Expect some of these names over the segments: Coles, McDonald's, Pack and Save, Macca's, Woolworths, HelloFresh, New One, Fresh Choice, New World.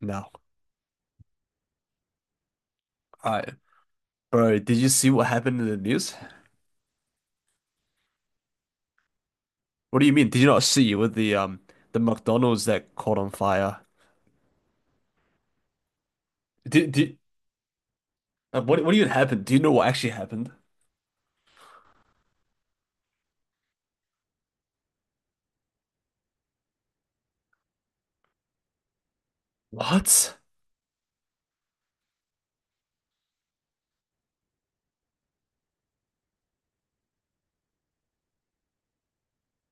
No. All right. Bro, did you see what happened in the news? What do you mean? Did you not see with the the McDonald's that caught on fire? Did what even happened? Do you know what actually happened? What?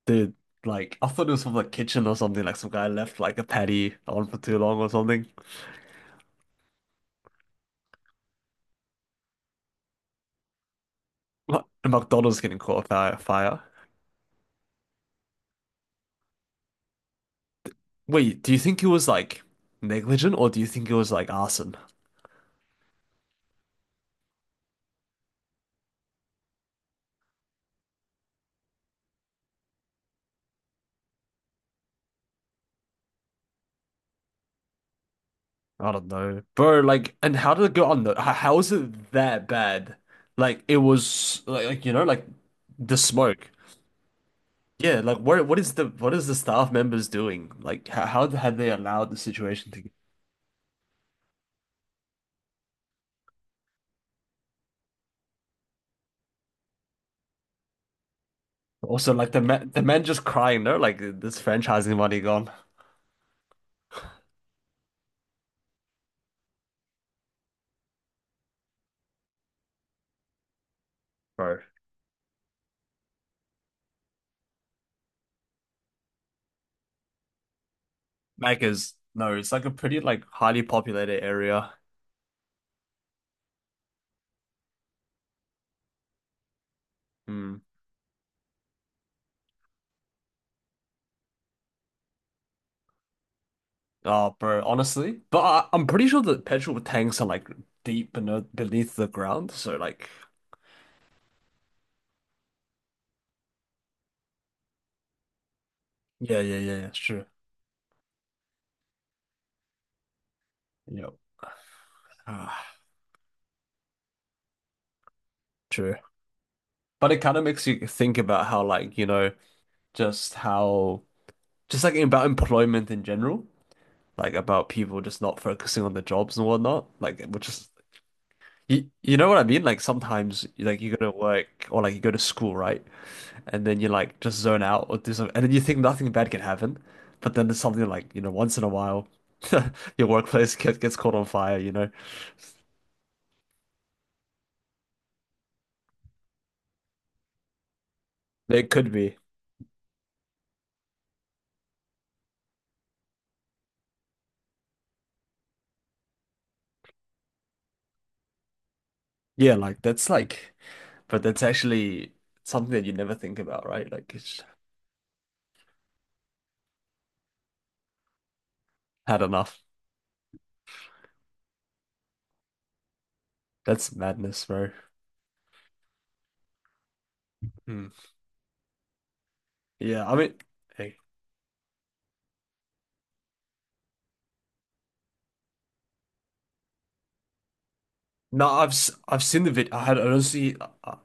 Dude, like I thought it was from the kitchen or something, like some guy left like a patty on for too long or something. What? The McDonald's getting caught on fire fire. Wait, do you think it was like negligent or do you think it was like arson? I don't know, bro. Like, and how did it go on though? How is it that bad? Like, it was like, like the smoke. Yeah, like what is the staff members doing? Like, how had they allowed the situation to? Also, like the man just crying. No, like this franchising money gone, bro. Macca's, no, it's like a pretty like highly populated area. Hmm. Oh, bro, honestly, but I'm pretty sure the petrol tanks are like deep beneath the ground. So like, yeah, yeah, yeah, yeah, it's true. Yep. Ah, true. But it kind of makes you think about how, like, just how, just like about employment in general, like about people just not focusing on the jobs and whatnot, like, which is, you know what I mean? Like, sometimes, like, you go to work or like you go to school, right? And then you like just zone out or do something, and then you think nothing bad can happen. But then there's something like, once in a while, your workplace gets caught on fire, you know? It could be. Yeah, like, that's like, But that's actually something that you never think about, right? Like it's had enough. That's madness, bro. Hmm. Yeah, I mean, hey, no, I've seen the video. I had honestly, uh,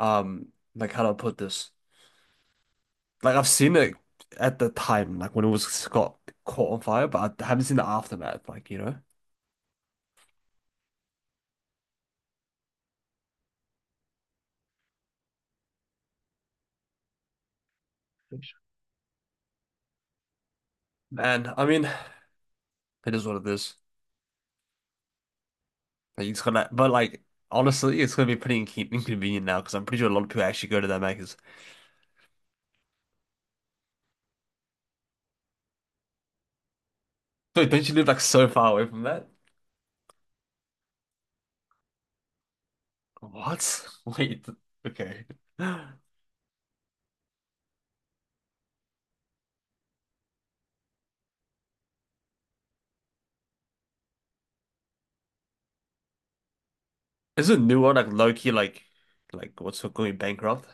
um, like how do I put this? Like I've seen it at the time, like when it was got caught on fire, but I haven't seen the aftermath. Like you know, and I mean, it is what it is. Like it's gonna, but like honestly, it's gonna be pretty inconvenient now because I'm pretty sure a lot of people actually go to that Macca's. So don't you live like so far away from that? What? Wait. Okay. Isn't New One like low-key like what's it going bankrupt?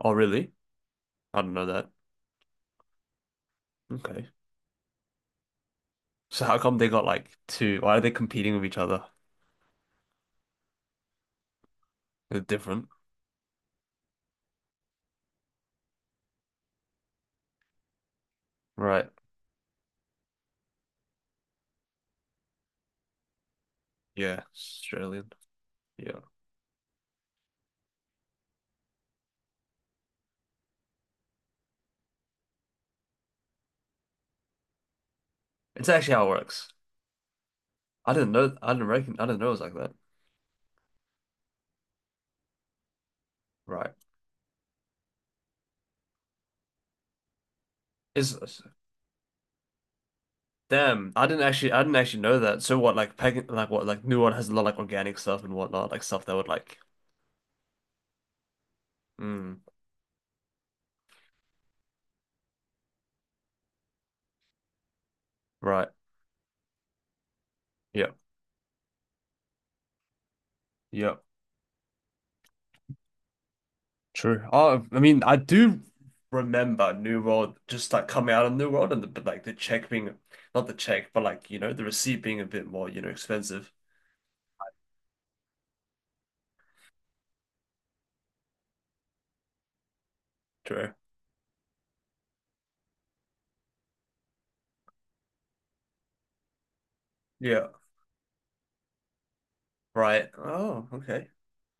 Oh really? I don't know that. Okay. So how come they got like two? Why are they competing with each other? They're different. Right. Yeah. Australian. Yeah. It's actually how it works. I didn't reckon I didn't know it was like that. Right. Is damn, I didn't actually know that. So what like pagan like what like New One has a lot like organic stuff and whatnot, like stuff that would like mm, right. Yeah. Yeah. True. Oh, I mean, I do remember New World just like coming out of New World and the, but like the check being not the check, but like you know the receipt being a bit more you know expensive. True. Yeah. Right. Oh, okay.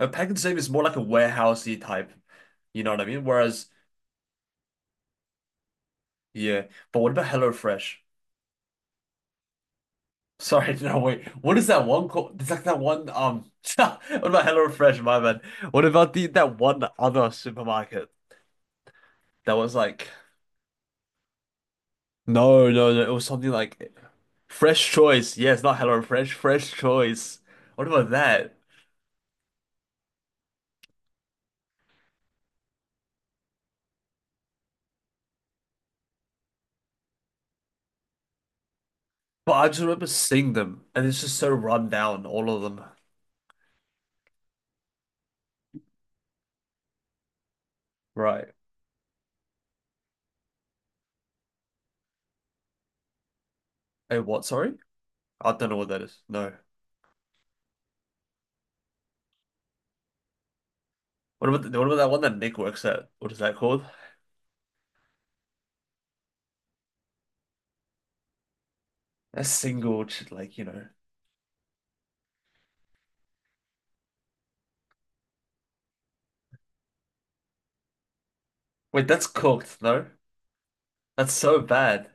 A pack and save is more like a warehousey type. You know what I mean? Whereas, yeah. But what about HelloFresh? Sorry, no wait. What is that one called? It's like that one. What about HelloFresh, my man? What about the that one other supermarket that was like? No, no, no. It was something like Fresh Choice. Yes, not Hello Fresh, Fresh Choice. What about that? But I just remember seeing them, and it's just so run down, all of them. Right. Hey, what? Sorry? I don't know what that is. No. What about what about that one that Nick works at? What is that called? That's single, like you know. Wait, that's cooked. No, that's so bad.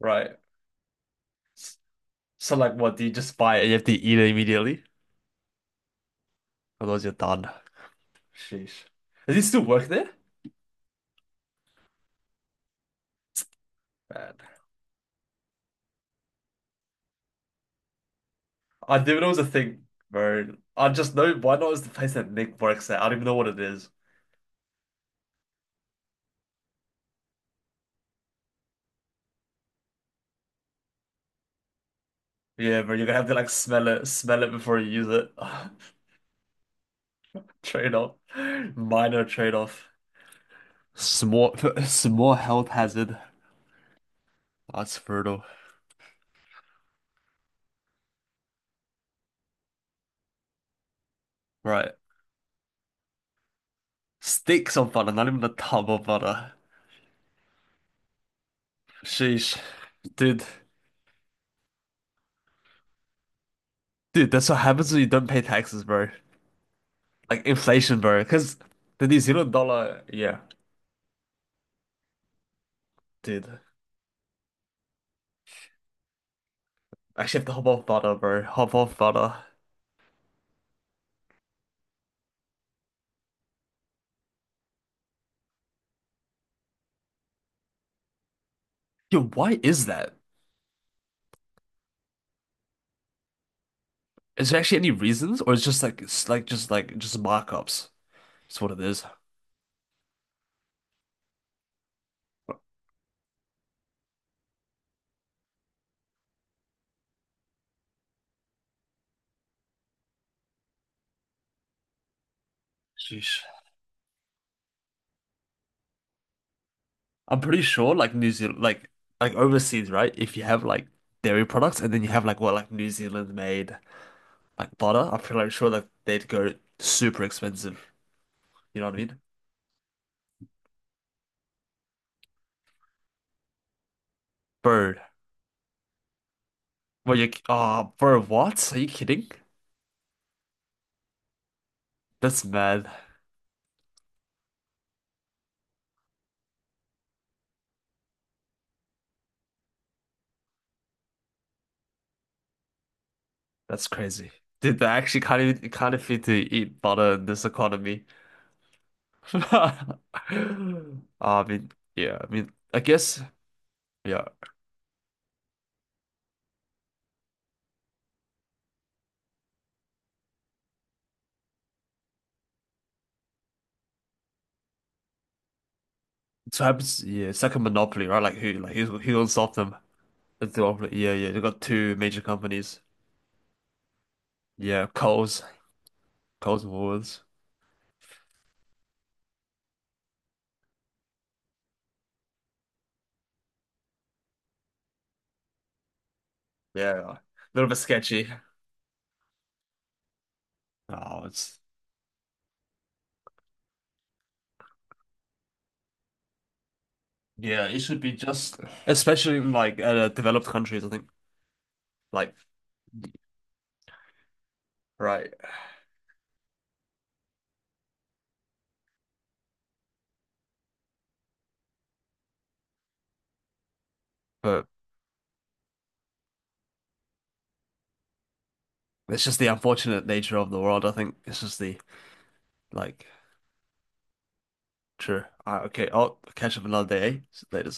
Right. So like, what do you just buy it? And you have to eat it immediately, otherwise you're done. Sheesh. Does he still work there? Man. I didn't know it was a thing, bro. I just know why not is the place that Nick works at. I don't even know what it is. Yeah, bro, you're gonna have to like smell it before you use it. Trade-off. Minor trade-off. Small small health hazard. That's brutal. Right. Sticks of butter, not even a tub of butter. Sheesh. Dude. Dude, that's what happens when you don't pay taxes, bro. Like inflation, bro. Cause the New Zealand dollar, yeah, dude. Actually I have to hop off butter, bro. Hop off butter. Yo, why is that? Is there actually any reasons, or it's just like it's like just markups? That's what it is. Sheesh. I'm pretty sure like New Zealand like overseas, right? If you have like dairy products and then you have like what like New Zealand made like butter, I'm pretty sure like they'd go super expensive. You know what I mean? Bro. Well you oh bro, what? Are you kidding? That's mad. That's crazy. Dude, they actually can't afford to eat butter in this economy. I mean, yeah, I mean I guess yeah. So happens, yeah, it's like a monopoly, right? Like who, who will stop them? It's the monopoly. Yeah, yeah. They've got two major companies. Yeah, Coles and Woolworths. Yeah, a little bit sketchy. Oh, it's yeah. It should be just, especially in like developed countries. I think like right, but it's just the unfortunate nature of the world. I think it's just the like true. All right, okay, I'll catch up another day. Eh? Later.